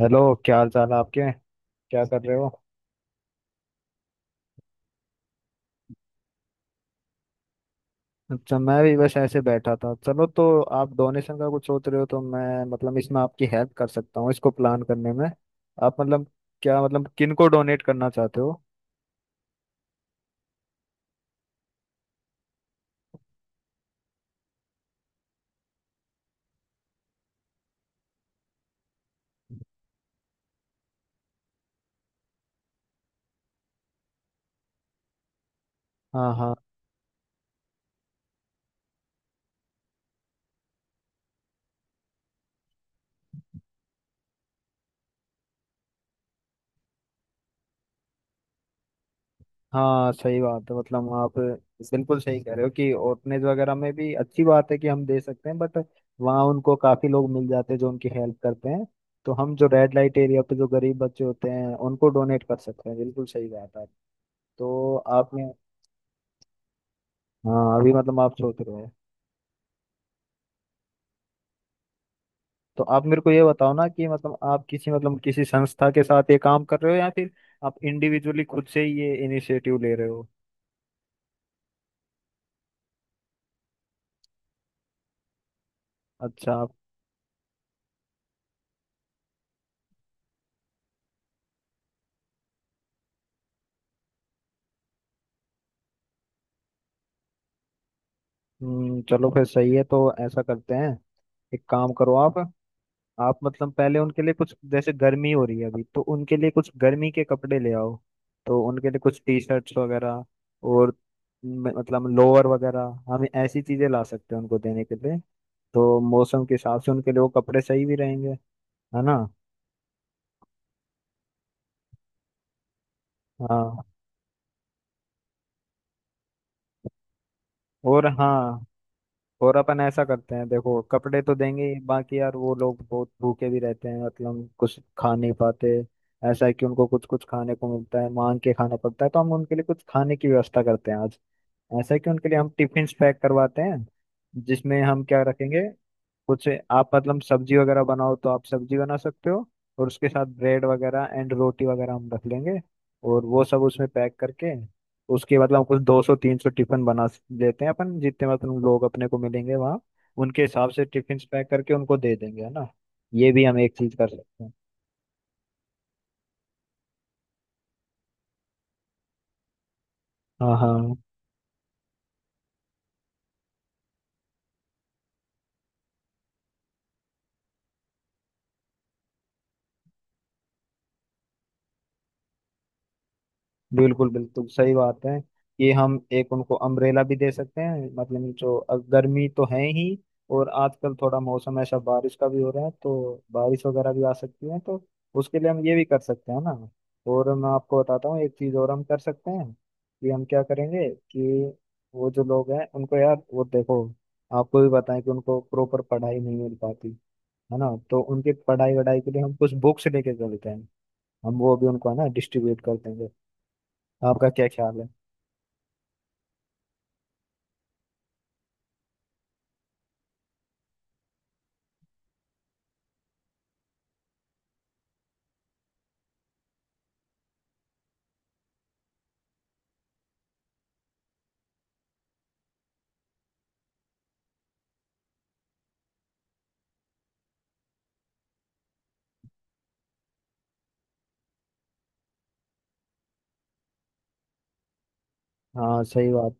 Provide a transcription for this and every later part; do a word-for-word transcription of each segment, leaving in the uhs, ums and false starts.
Hello, क्या हाल चाल है आपके। क्या कर रहे हो। अच्छा, मैं भी बस ऐसे बैठा था। चलो तो आप डोनेशन का कुछ सोच रहे हो तो मैं मतलब इसमें आपकी हेल्प कर सकता हूँ इसको प्लान करने में। आप मतलब, क्या मतलब किन को डोनेट करना चाहते हो। हाँ, हाँ। हाँ, सही बात है, मतलब आप बिल्कुल सही कह रहे हो कि ऑर्फनेज वगैरह में भी अच्छी बात है कि हम दे सकते हैं, बट वहाँ उनको काफ़ी लोग मिल जाते हैं जो उनकी हेल्प करते हैं। तो हम जो रेड लाइट एरिया पे जो गरीब बच्चे होते हैं उनको डोनेट कर सकते हैं, बिल्कुल सही बात है। तो आप, हाँ अभी मतलब आप सोच रहे हो। तो आप मेरे को ये बताओ ना कि मतलब आप किसी, मतलब किसी संस्था के साथ ये काम कर रहे हो या फिर आप इंडिविजुअली खुद से ही ये इनिशिएटिव ले रहे हो। अच्छा आप। हम्म, चलो फिर सही है तो ऐसा करते हैं। एक काम करो आप। आप मतलब पहले उनके लिए कुछ, जैसे गर्मी हो रही है अभी तो उनके लिए कुछ गर्मी के कपड़े ले आओ। तो उनके लिए कुछ टी शर्ट्स वगैरह और म- मतलब लोअर वगैरह हम ऐसी चीजें ला सकते हैं उनको देने के लिए। तो मौसम के हिसाब से उनके लिए वो कपड़े सही भी रहेंगे, है ना। हाँ। और हाँ, और अपन ऐसा करते हैं, देखो कपड़े तो देंगे ही, बाकी यार वो लोग बहुत भूखे भी रहते हैं, मतलब कुछ खा नहीं पाते। ऐसा है कि उनको कुछ कुछ खाने को मिलता है, मांग के खाना पड़ता है, तो हम उनके लिए कुछ खाने की व्यवस्था करते हैं आज। ऐसा है कि उनके लिए हम टिफिन पैक करवाते हैं। जिसमें हम क्या रखेंगे, कुछ आप मतलब सब्जी वगैरह बनाओ तो आप सब्जी बना सकते हो। और उसके साथ ब्रेड वगैरह एंड रोटी वगैरह हम रख लेंगे। और वो सब उसमें पैक करके, उसके मतलब कुछ दो सौ तीन सौ टिफिन बना स- लेते हैं अपन, जितने मतलब लोग अपने को मिलेंगे वहाँ उनके हिसाब से टिफिन पैक करके उनको दे देंगे, है ना। ये भी हम एक चीज कर सकते हैं। हाँ। हाँ, बिल्कुल बिल्कुल सही बात है कि हम एक उनको अम्ब्रेला भी दे सकते हैं, मतलब जो अ- गर्मी तो है ही और आजकल थोड़ा मौसम ऐसा बारिश का भी हो रहा है, तो बारिश वगैरह भी आ सकती है। तो उसके लिए हम ये भी कर सकते हैं ना। और मैं आपको बताता हूँ एक चीज़ और हम कर सकते हैं कि हम क्या करेंगे कि वो जो लोग हैं उनको, यार वो देखो, आपको भी बताएं कि उनको प्रॉपर पढ़ाई नहीं मिल पाती, है ना। तो उनकी पढ़ाई वढ़ाई के लिए हम कुछ बुक्स लेके चलते हैं। हम वो भी उनको है ना डिस्ट्रीब्यूट करते हैं। आपका क्या ख्याल है। हाँ सही बात।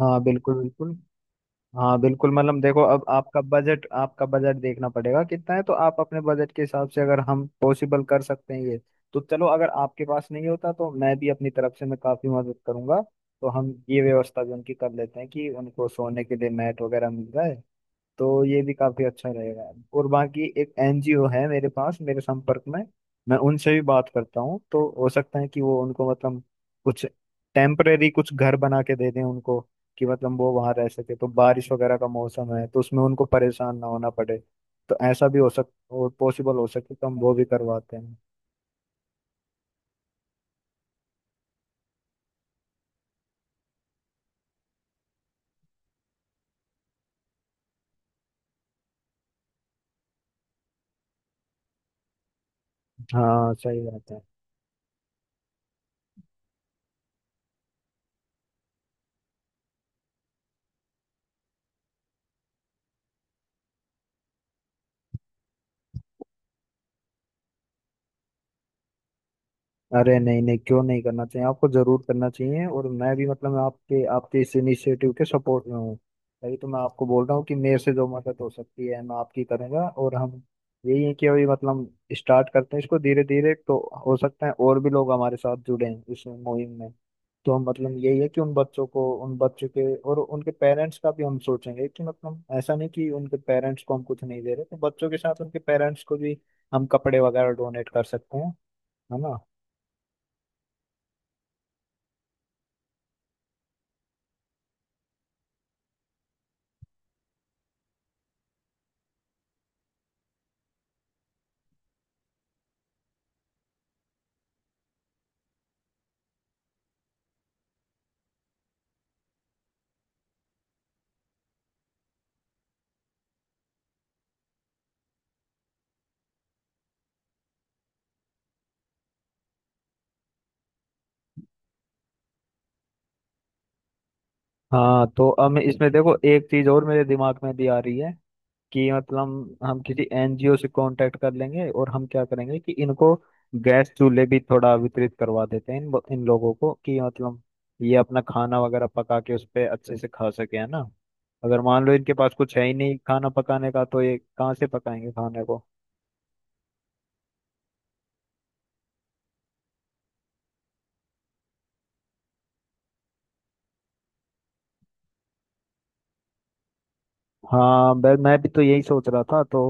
हाँ बिल्कुल, बिल्कुल। हाँ बिल्कुल, मतलब देखो अब आपका बजट आपका बजट देखना पड़ेगा कितना है, तो आप अपने बजट के हिसाब से अगर हम पॉसिबल कर सकते हैं ये। तो चलो अगर आपके पास नहीं होता तो मैं भी अपनी तरफ से मैं काफी मदद करूंगा। तो हम ये व्यवस्था भी उनकी कर लेते हैं कि उनको सोने के लिए मैट वगैरह मिल जाए। तो ये भी काफी अच्छा रहेगा। और बाकी एक एनजीओ है मेरे पास मेरे संपर्क में, मैं उनसे भी बात करता हूँ। तो हो सकता है कि वो उनको मतलब कुछ टेम्परेरी कुछ घर बना के दे दें उनको, कि मतलब वो वहां रह सके। तो बारिश वगैरह का मौसम है तो उसमें उनको परेशान ना होना पड़े। तो ऐसा भी हो सक और पॉसिबल हो सके तो हम वो भी करवाते हैं। हाँ सही बात है। अरे नहीं नहीं, क्यों नहीं करना चाहिए, आपको जरूर करना चाहिए, और मैं भी मतलब आपके आपके इस इनिशिएटिव के सपोर्ट में हूँ। तभी तो मैं आपको बोल रहा हूँ कि मेरे से जो मदद हो सकती है मैं आपकी करूँगा। और हम, यही है कि अभी मतलब स्टार्ट करते हैं इसको धीरे धीरे, तो हो सकता है और भी लोग हमारे साथ जुड़े हैं इस मुहिम में। तो हम मतलब यही है कि उन बच्चों को, उन बच्चों के और उनके पेरेंट्स का भी हम सोचेंगे, कि मतलब ऐसा नहीं कि उनके पेरेंट्स को हम कुछ नहीं दे रहे, तो बच्चों के साथ उनके पेरेंट्स को भी हम कपड़े वगैरह डोनेट कर सकते हैं, है ना। हाँ, तो अब मैं इसमें देखो एक चीज और मेरे दिमाग में भी आ रही है कि मतलब हम किसी एनजीओ से कांटेक्ट कर लेंगे और हम क्या करेंगे कि इनको गैस चूल्हे भी थोड़ा वितरित करवा देते हैं इन इन लोगों को, कि मतलब ये अपना खाना वगैरह पका के उस पर अच्छे से खा सके, है ना। अगर मान लो इनके पास कुछ है ही नहीं खाना पकाने का तो ये कहाँ से पकाएंगे खाने को। हाँ, बै- मैं भी तो यही सोच रहा था। तो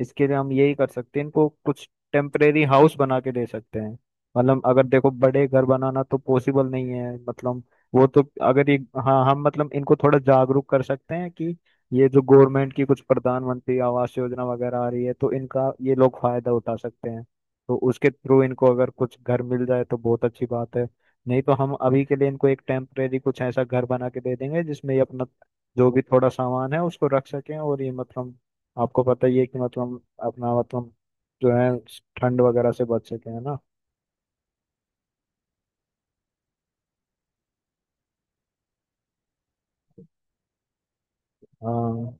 इसके लिए हम यही कर सकते हैं, इनको कुछ टेम्परेरी हाउस बना के दे सकते हैं। मतलब अगर देखो, बड़े घर बनाना तो पॉसिबल नहीं है, मतलब वो तो अगर ये, हाँ हम मतलब इनको थोड़ा जागरूक कर सकते हैं कि ये जो गवर्नमेंट की कुछ प्रधानमंत्री आवास योजना वगैरह आ रही है तो इनका ये लोग फायदा उठा सकते हैं। तो उसके थ्रू इनको अगर कुछ घर मिल जाए तो बहुत अच्छी बात है। नहीं तो हम अभी के लिए इनको एक टेम्परेरी कुछ ऐसा घर बना के दे देंगे जिसमें ये अपना जो भी थोड़ा सामान है उसको रख सकें, और ये मतलब आपको पता ही है कि मतलब अपना मतलब जो है, ठंड वगैरह से बच सके, है ना। हाँ,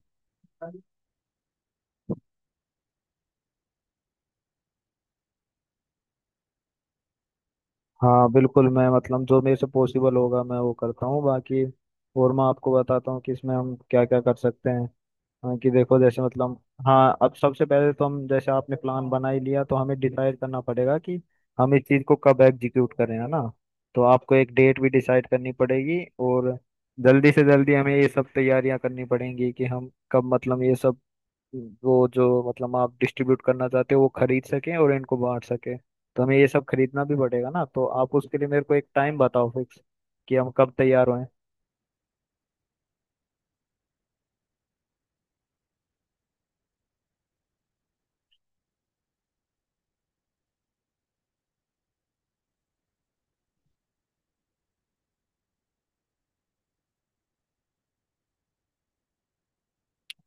हाँ बिल्कुल मैं मतलब जो मेरे से पॉसिबल होगा मैं वो करता हूँ बाकी। और मैं आपको बताता हूँ कि इसमें हम क्या क्या कर सकते हैं। हाँ कि देखो जैसे मतलब, हाँ अब सबसे पहले तो हम, जैसे आपने प्लान बना ही लिया, तो हमें डिसाइड करना पड़ेगा कि हम इस चीज़ को कब एग्जीक्यूट करें, है ना। तो आपको एक डेट भी डिसाइड करनी पड़ेगी। और जल्दी से जल्दी हमें ये सब तैयारियां करनी पड़ेंगी कि हम कब मतलब ये सब, वो जो मतलब आप डिस्ट्रीब्यूट करना चाहते हो वो खरीद सकें और इनको बांट सकें। तो हमें ये सब खरीदना भी पड़ेगा ना, तो आप उसके लिए मेरे को एक टाइम बताओ फिक्स, कि हम कब तैयार हों।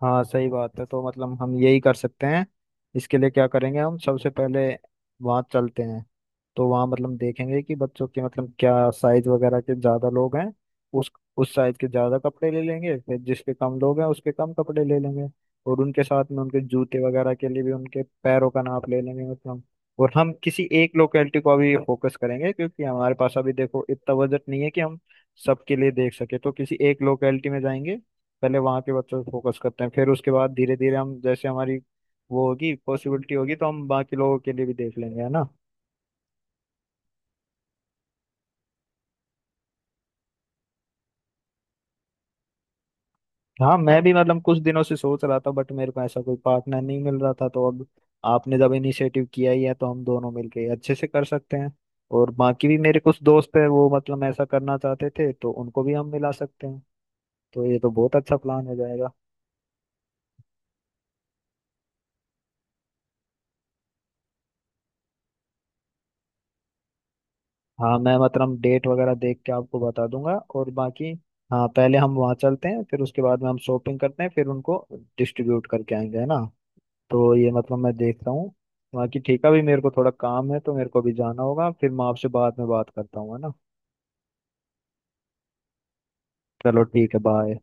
हाँ सही बात है, तो मतलब हम यही कर सकते हैं। इसके लिए क्या करेंगे, हम सबसे पहले वहाँ चलते हैं। तो वहाँ मतलब देखेंगे कि बच्चों के मतलब क्या साइज वगैरह के ज़्यादा लोग हैं, उस उस साइज के ज़्यादा कपड़े ले लेंगे, फिर जिसके कम लोग हैं उसके कम कपड़े ले लेंगे। और उनके साथ में उनके जूते वगैरह के लिए भी उनके पैरों का नाप ले लेंगे मतलब। और हम किसी एक लोकेलिटी को अभी फोकस करेंगे क्योंकि हमारे पास अभी देखो इतना बजट नहीं है कि हम सबके लिए देख सके, तो किसी एक लोकेलिटी में जाएंगे, पहले वहाँ के बच्चों पे फोकस करते हैं। फिर उसके बाद धीरे धीरे हम, जैसे हमारी वो होगी, पॉसिबिलिटी होगी तो हम बाकी लोगों के लिए भी देख लेंगे, है ना। हाँ मैं भी मतलब कुछ दिनों से सोच रहा था, बट मेरे को ऐसा कोई पार्टनर नहीं मिल रहा था। तो अब आपने जब इनिशिएटिव किया ही है तो हम दोनों मिलके अच्छे से कर सकते हैं। और बाकी भी मेरे कुछ दोस्त है वो मतलब ऐसा करना चाहते थे, तो उनको भी हम मिला सकते हैं। तो ये तो बहुत अच्छा प्लान हो जाएगा। हाँ मैं मतलब डेट वगैरह देख के आपको बता दूंगा। और बाकी, हाँ पहले हम वहाँ चलते हैं, फिर उसके बाद में हम शॉपिंग करते हैं, फिर उनको डिस्ट्रीब्यूट करके आएंगे, है ना। तो ये मतलब मैं देख रहा हूँ। बाकी ठीक है, अभी मेरे को थोड़ा काम है तो मेरे को भी जाना होगा, फिर मैं आपसे बाद में बात करता हूँ, है ना। चलो ठीक है, बाय।